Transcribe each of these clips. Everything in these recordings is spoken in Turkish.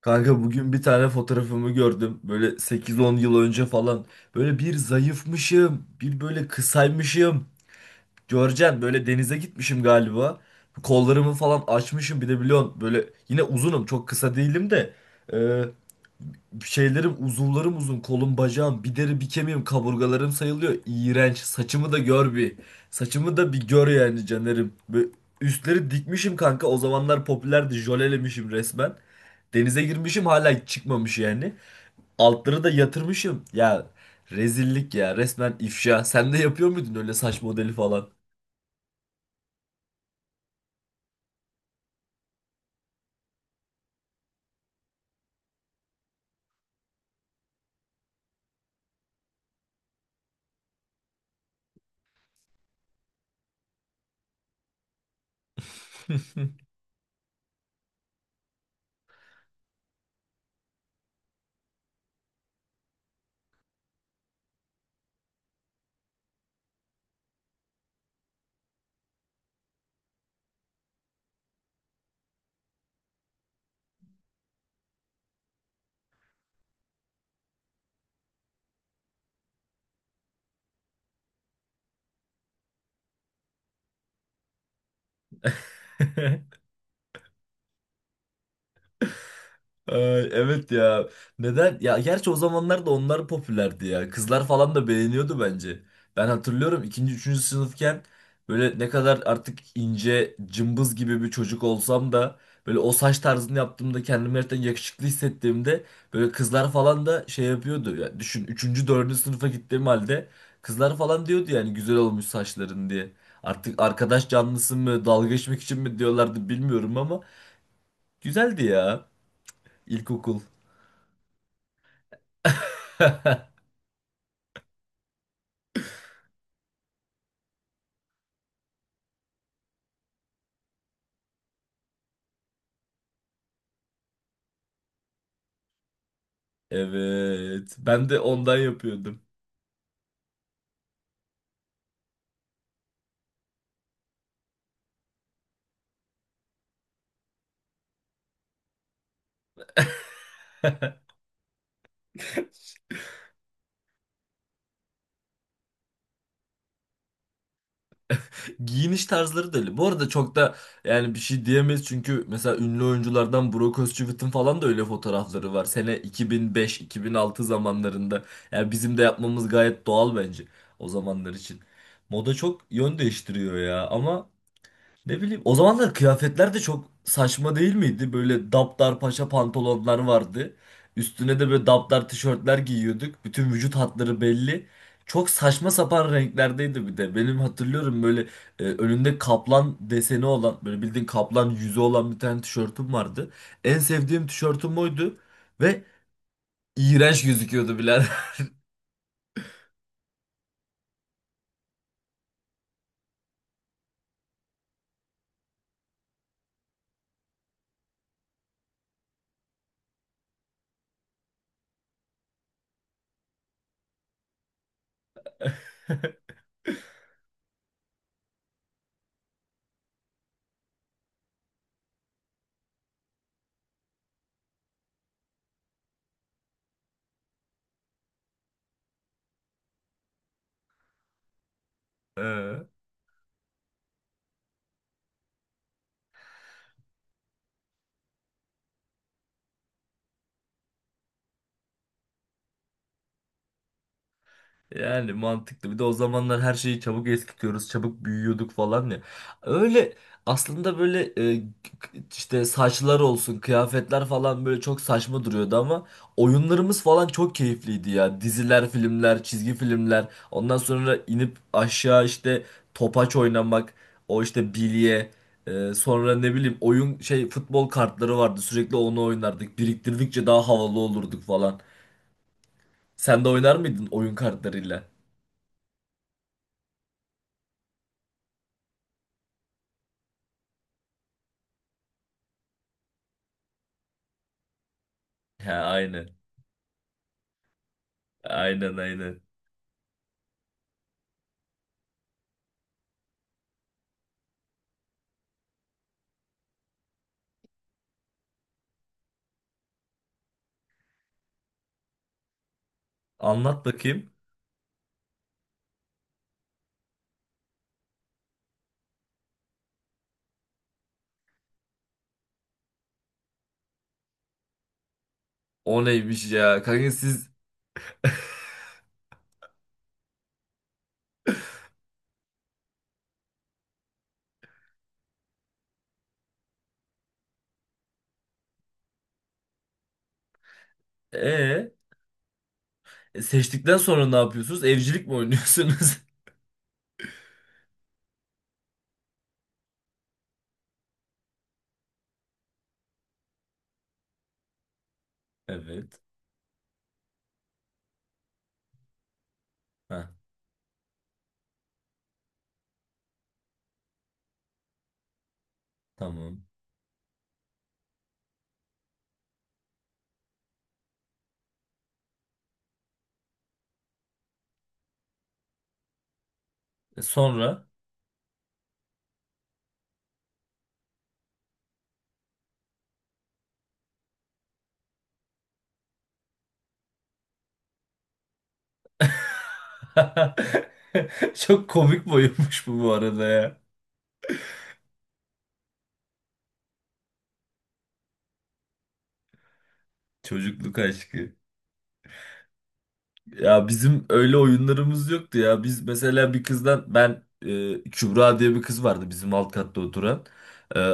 Kanka bugün bir tane fotoğrafımı gördüm. Böyle sekiz on yıl önce falan. Böyle bir zayıfmışım. Bir böyle kısaymışım. Görcen böyle denize gitmişim galiba. Kollarımı falan açmışım bir de biliyorsun. Böyle yine uzunum, çok kısa değilim de. Ee, şeylerim, uzuvlarım uzun, kolum bacağım bir deri bir kemiğim, kaburgalarım sayılıyor, iğrenç. Saçımı da gör bir, saçımı da bir gör yani canerim. Böyle üstleri dikmişim kanka, o zamanlar popülerdi, jölelemişim resmen. Denize girmişim, hala çıkmamış yani. Altları da yatırmışım ya, rezillik ya, resmen ifşa. Sen de yapıyor muydun öyle saç modeli falan? Ay, evet ya. Neden? Ya gerçi o zamanlar da onlar popülerdi ya. Kızlar falan da beğeniyordu bence. Ben hatırlıyorum, ikinci, üçüncü sınıfken böyle ne kadar artık ince, cımbız gibi bir çocuk olsam da böyle o saç tarzını yaptığımda, kendimi gerçekten yakışıklı hissettiğimde, böyle kızlar falan da şey yapıyordu. Ya düşün, üçüncü, dördüncü sınıfa gittiğim halde kızlar falan diyordu yani güzel olmuş saçların diye. Artık arkadaş canlısı mı, dalga geçmek için mi diyorlardı bilmiyorum ama güzeldi ya, ilkokul. Evet. Ben de ondan yapıyordum. Giyiniş tarzları da öyle. Bu arada çok da, yani bir şey diyemeyiz çünkü mesela ünlü oyunculardan Brock Özçivit'in falan da öyle fotoğrafları var. Sene 2005-2006 zamanlarında. Yani bizim de yapmamız gayet doğal bence o zamanlar için. Moda çok yön değiştiriyor ya. Ama ne bileyim, o zamanlar kıyafetler de çok saçma değil miydi? Böyle daptar paşa pantolonlar vardı. Üstüne de böyle daptar tişörtler giyiyorduk. Bütün vücut hatları belli. Çok saçma sapan renklerdeydi bir de. Benim hatırlıyorum, böyle önünde kaplan deseni olan, böyle bildiğin kaplan yüzü olan bir tane tişörtüm vardı. En sevdiğim tişörtüm oydu ve iğrenç gözüküyordu birader. Yani mantıklı. Bir de o zamanlar her şeyi çabuk eskitiyoruz, çabuk büyüyorduk falan ya. Öyle aslında böyle, işte saçlar olsun, kıyafetler falan böyle çok saçma duruyordu ama oyunlarımız falan çok keyifliydi ya. Diziler, filmler, çizgi filmler. Ondan sonra inip aşağı işte topaç oynamak, o işte bilye. Sonra ne bileyim, oyun şey, futbol kartları vardı. Sürekli onu oynardık. Biriktirdikçe daha havalı olurduk falan. Sen de oynar mıydın oyun kartlarıyla? He, aynen. Aynen, aynen. Anlat bakayım. O neymiş ya? Kanka siz, ee, seçtikten sonra ne yapıyorsunuz? Evcilik mi oynuyorsunuz? Evet. Ha, tamam. E, sonra? Çok komik boyunmuş bu, bu arada ya. Çocukluk aşkı. Ya bizim öyle oyunlarımız yoktu ya. Biz mesela bir kızdan, ben Kübra diye bir kız vardı bizim alt katta oturan. E,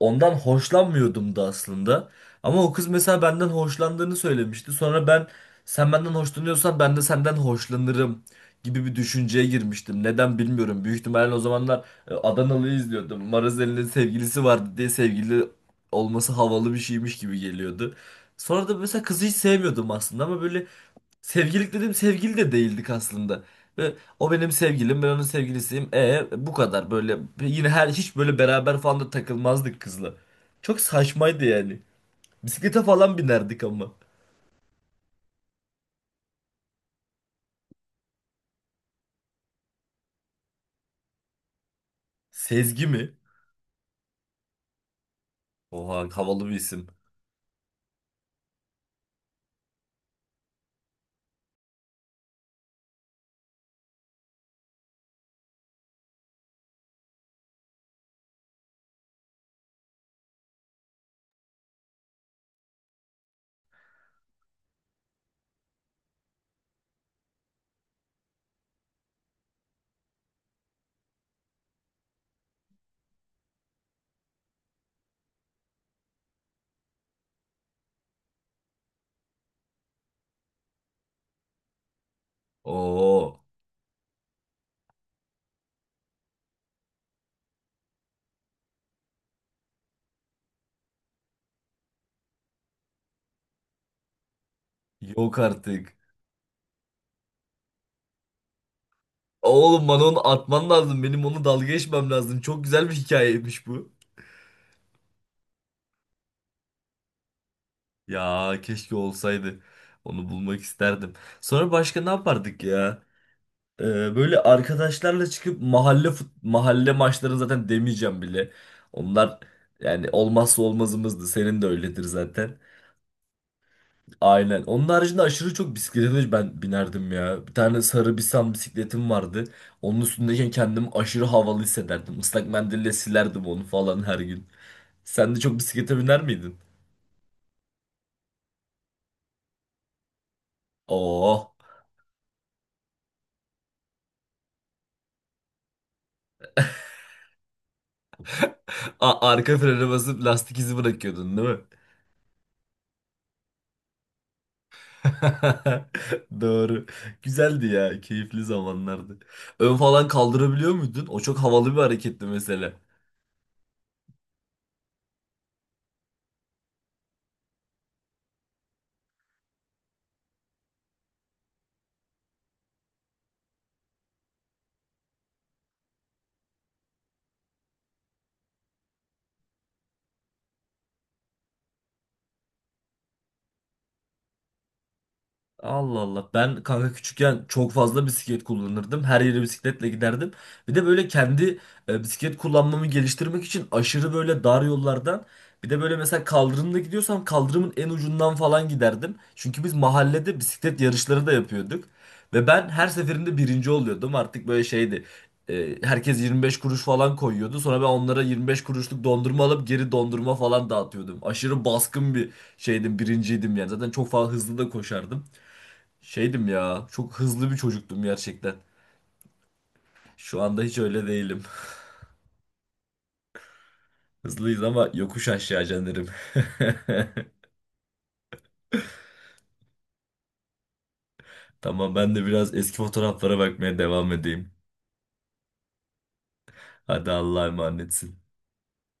Ondan hoşlanmıyordum da aslında. Ama o kız mesela benden hoşlandığını söylemişti. Sonra ben, sen benden hoşlanıyorsan ben de senden hoşlanırım gibi bir düşünceye girmiştim. Neden bilmiyorum. Büyük ihtimalle o zamanlar Adanalı'yı izliyordum. Marazeli'nin sevgilisi vardı diye, sevgili olması havalı bir şeymiş gibi geliyordu. Sonra da mesela kızı hiç sevmiyordum aslında ama böyle sevgililik dedim, sevgili de değildik aslında. Ve o benim sevgilim, ben onun sevgilisiyim. E bu kadar, böyle yine her, hiç böyle beraber falan da takılmazdık kızla. Çok saçmaydı yani. Bisiklete falan binerdik ama. Sezgi mi? Oha, havalı bir isim. Oo, yok artık. Oğlum, bana onu atman lazım. Benim onu dalga geçmem lazım. Çok güzel bir hikayeymiş bu. Ya keşke olsaydı. Onu bulmak isterdim. Sonra başka ne yapardık ya? Ee, böyle arkadaşlarla çıkıp mahalle mahalle maçlarını zaten demeyeceğim bile. Onlar yani olmazsa olmazımızdı. Senin de öyledir zaten. Aynen. Onun haricinde aşırı çok bisiklete ben binerdim ya. Bir tane sarı Bisan bisikletim vardı. Onun üstündeyken kendimi aşırı havalı hissederdim. Islak mendille silerdim onu falan her gün. Sen de çok bisiklete biner miydin? Oo. A- arka frene basıp lastik izi bırakıyordun, değil mi? Doğru. Güzeldi ya. Keyifli zamanlardı. Ön falan kaldırabiliyor muydun? O çok havalı bir hareketti mesela. Allah Allah. Ben kanka küçükken çok fazla bisiklet kullanırdım. Her yere bisikletle giderdim. Bir de böyle kendi bisiklet kullanmamı geliştirmek için aşırı böyle dar yollardan, bir de böyle mesela kaldırımda gidiyorsam kaldırımın en ucundan falan giderdim. Çünkü biz mahallede bisiklet yarışları da yapıyorduk. Ve ben her seferinde birinci oluyordum. Artık böyle şeydi. Herkes 25 kuruş falan koyuyordu. Sonra ben onlara 25 kuruşluk dondurma alıp geri dondurma falan dağıtıyordum. Aşırı baskın bir şeydim, birinciydim yani. Zaten çok fazla hızlı da koşardım. Şeydim ya, çok hızlı bir çocuktum gerçekten. Şu anda hiç öyle değilim. Hızlıyız ama yokuş aşağı canlarım. Tamam, ben de biraz eski fotoğraflara bakmaya devam edeyim. Hadi Allah'a emanetsin.